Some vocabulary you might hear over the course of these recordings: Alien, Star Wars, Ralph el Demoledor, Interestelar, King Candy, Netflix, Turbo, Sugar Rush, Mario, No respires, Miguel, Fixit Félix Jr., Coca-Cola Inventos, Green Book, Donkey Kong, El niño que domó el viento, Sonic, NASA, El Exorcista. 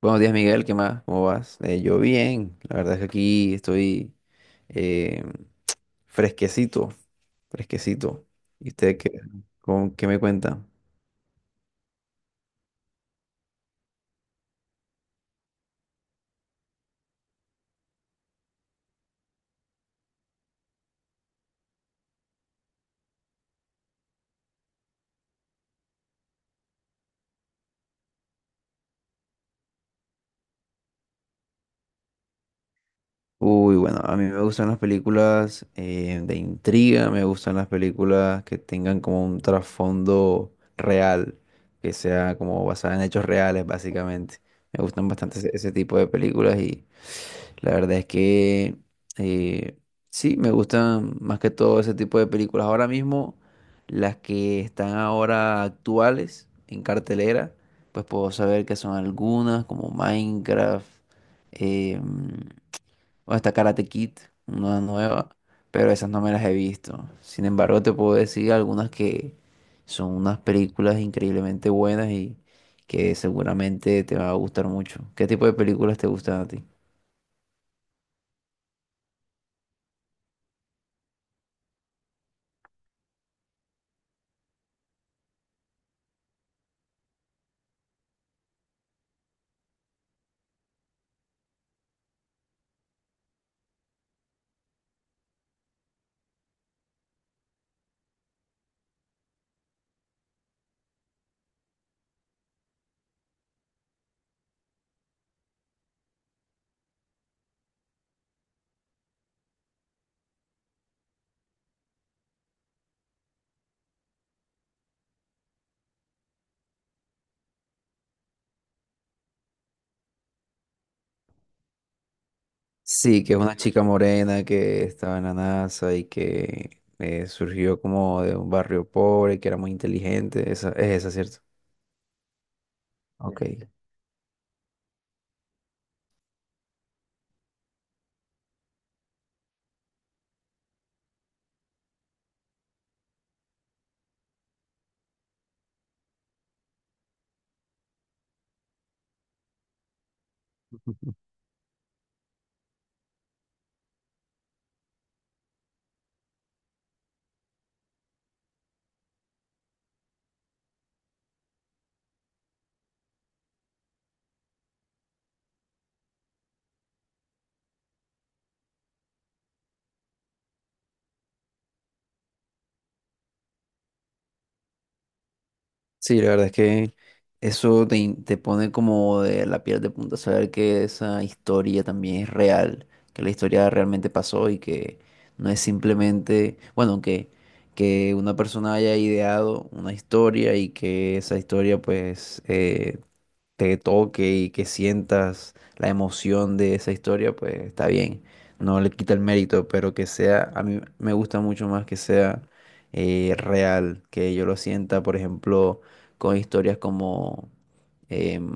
Buenos días, Miguel, ¿qué más? ¿Cómo vas? Yo bien, la verdad es que aquí estoy eh, fresquecito, fresquecito. ¿Y usted qué, qué me cuenta? Uy, bueno, a mí me gustan las películas de intriga, me gustan las películas que tengan como un trasfondo real, que sea como basada en hechos reales, básicamente. Me gustan bastante ese tipo de películas y la verdad es que eh, sí, me gustan más que todo ese tipo de películas. Ahora mismo, las que están ahora actuales en cartelera, pues puedo saber que son algunas como Minecraft, em, o hasta Karate Kid, una nueva, pero esas no me las he visto. Sin embargo, te puedo decir algunas que son unas películas increíblemente buenas y que seguramente te va a gustar mucho. ¿Qué tipo de películas te gustan a ti? Sí, que es una chica morena que estaba en la NASA y que surgió como de un barrio pobre, que era muy inteligente. Es esa, ¿cierto? Ok. Sí, la verdad es que eso te, te pone como de la piel de punta saber que esa historia también es real, que la historia realmente pasó y que no es simplemente, bueno, que una persona haya ideado una historia y que esa historia pues te toque y que sientas la emoción de esa historia, pues está bien. No le quita el mérito, pero que sea, a mí me gusta mucho más que sea real, que yo lo sienta, por ejemplo, con historias como, em,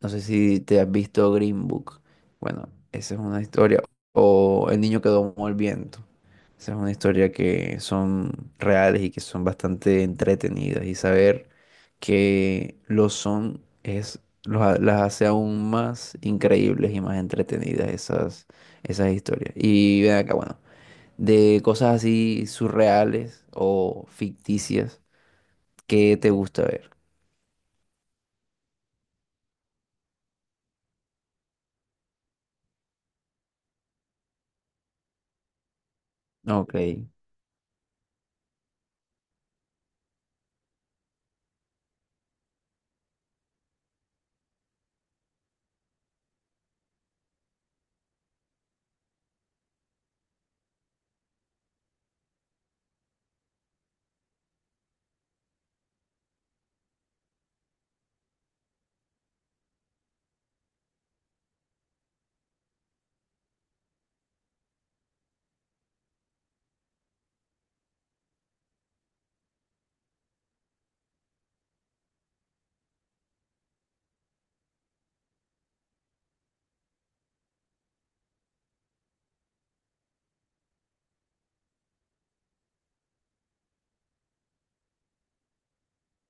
no sé si te has visto Green Book. Bueno, esa es una historia. O El niño que domó el viento. Esa es una historia que son reales y que son bastante entretenidas. Y saber que lo son es, las hace aún más increíbles y más entretenidas esas, esas historias. Y ven acá, bueno, de cosas así surreales o ficticias, ¿qué te gusta ver? Ok, la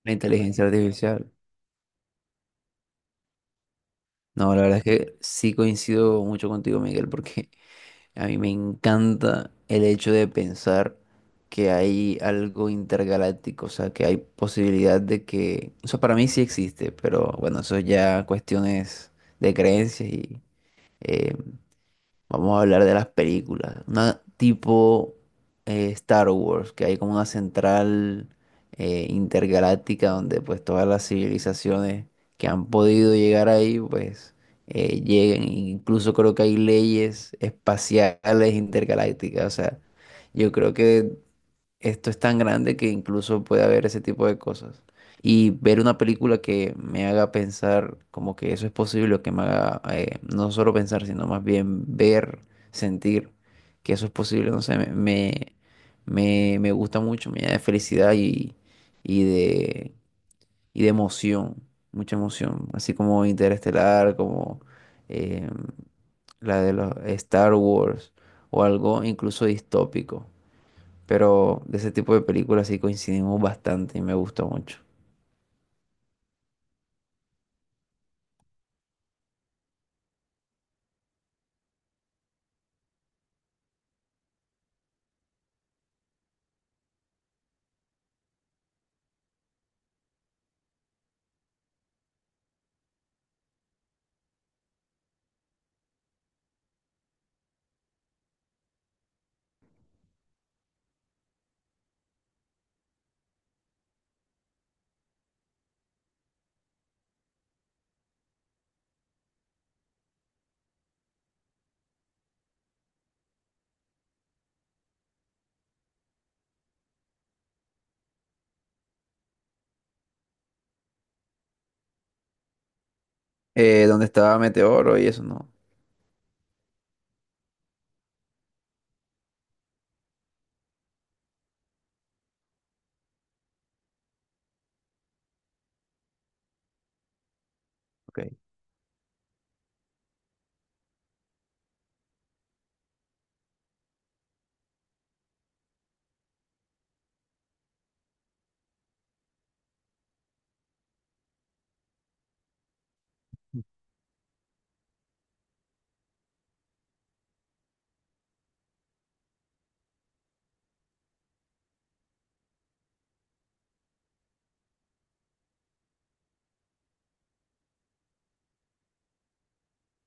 inteligencia artificial. No, la verdad es que sí coincido mucho contigo, Miguel, porque a mí me encanta el hecho de pensar que hay algo intergaláctico, o sea, que hay posibilidad de que, o sea, para mí sí existe, pero bueno, eso ya cuestiones de creencias y eh, vamos a hablar de las películas. Una tipo Star Wars, que hay como una central intergaláctica donde pues todas las civilizaciones que han podido llegar ahí, pues lleguen. Incluso creo que hay leyes espaciales intergalácticas. O sea, yo creo que esto es tan grande que incluso puede haber ese tipo de cosas. Y ver una película que me haga pensar como que eso es posible, o que me haga no solo pensar, sino más bien ver, sentir que eso es posible, no sé, me gusta mucho, me llena de felicidad y, y de, y de emoción, mucha emoción, así como Interestelar, como eh, la de los Star Wars o algo incluso distópico. Pero de ese tipo de películas sí coincidimos bastante y me gustó mucho. ¿Dónde estaba Meteoro y eso? No. Ok.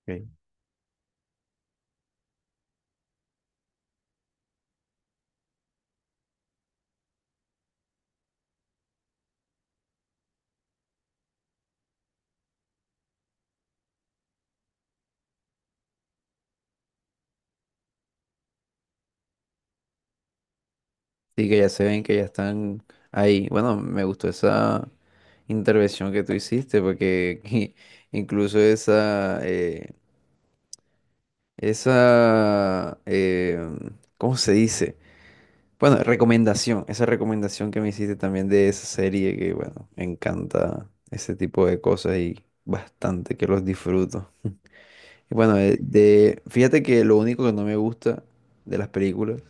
Ok. Sí, que ya se ven que ya están ahí. Bueno, me gustó esa intervención que tú hiciste, porque incluso esa, esa, ¿cómo se dice? Bueno, recomendación, esa recomendación que me hiciste también de esa serie que, bueno, me encanta ese tipo de cosas y bastante que los disfruto. Y bueno, fíjate que lo único que no me gusta de las películas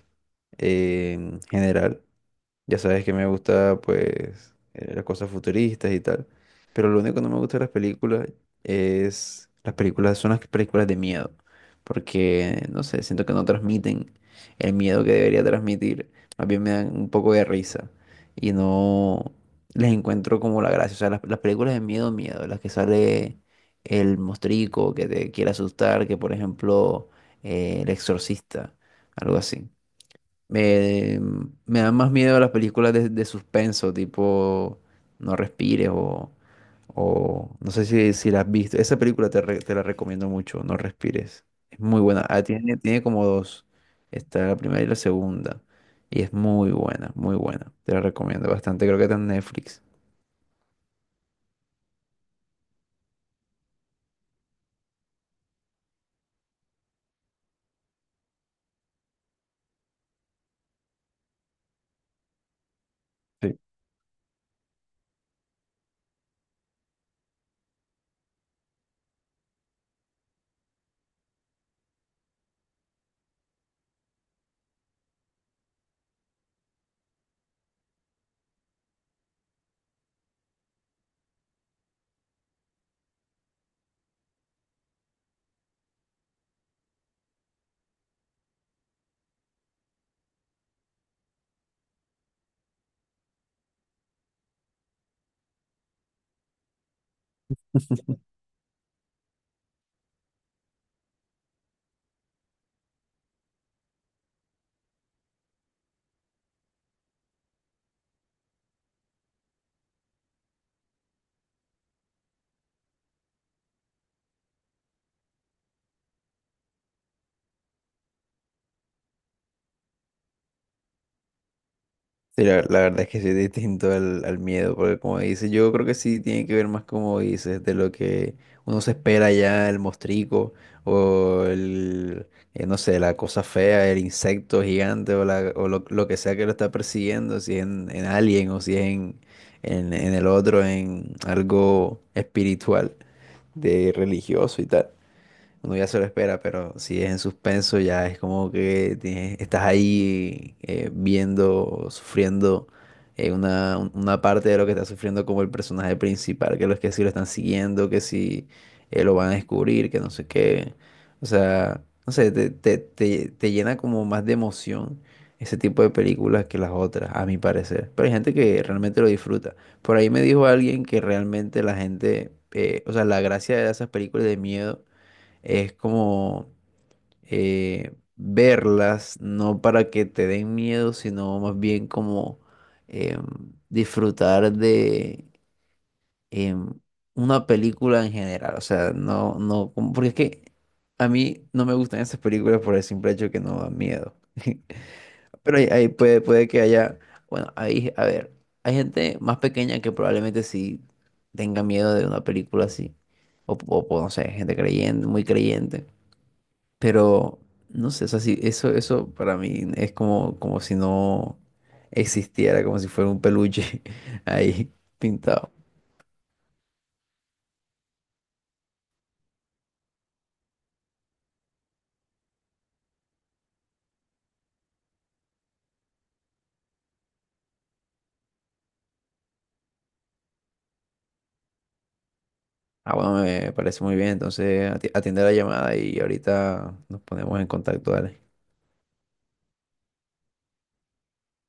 en general ya sabes que me gusta, pues, las cosas futuristas y tal. Pero lo único que no me gusta de las películas es... Las películas son las películas de miedo. Porque, no sé, siento que no transmiten el miedo que debería transmitir. Más bien me dan un poco de risa. Y no les encuentro como la gracia. O sea, las películas de miedo, miedo. Las que sale el mostrico que te quiere asustar. Que, por ejemplo, El Exorcista. Algo así. Me, me dan más miedo las películas de suspenso, tipo No respires o no sé si la has visto. Esa película te, te la recomiendo mucho, No respires. Es muy buena. Ah, tiene, tiene como dos. Está la primera y la segunda. Y es muy buena, muy buena. Te la recomiendo bastante. Creo que está en Netflix. Sí, la verdad es que sí es distinto al, al miedo, porque como dices, yo creo que sí tiene que ver más como dices, de lo que uno se espera ya, el mostrico, o el, no sé, la cosa fea, el insecto gigante, o, la, o lo que sea que lo está persiguiendo, si es en Alien o si es en, en el otro, en algo espiritual, de religioso y tal. Uno ya se lo espera, pero si es en suspenso ya es como que estás ahí viendo, sufriendo una, una parte de lo que está sufriendo como el personaje principal, que los que sí lo están siguiendo, que si lo van a descubrir, que no sé qué. O sea, no sé, te llena como más de emoción ese tipo de películas que las otras, a mi parecer. Pero hay gente que realmente lo disfruta. Por ahí me dijo alguien que realmente la gente, o sea, la gracia de esas películas de miedo es como verlas, no para que te den miedo, sino más bien como em, disfrutar de em, una película en general. O sea, no, no, como- porque es que a mí no me gustan esas películas por el simple hecho que no dan miedo. Pero ahí, ahí puede, puede que haya, bueno, ahí, a ver, hay gente más pequeña que probablemente sí tenga miedo de una película así. O, no sé, gente creyente, muy creyente. Pero, no sé, o sea, sí, eso para mí es como, como si no existiera, como si fuera un peluche ahí pintado. Ah, bueno, me parece muy bien. Entonces, atiende la llamada y ahorita nos ponemos en contacto, dale.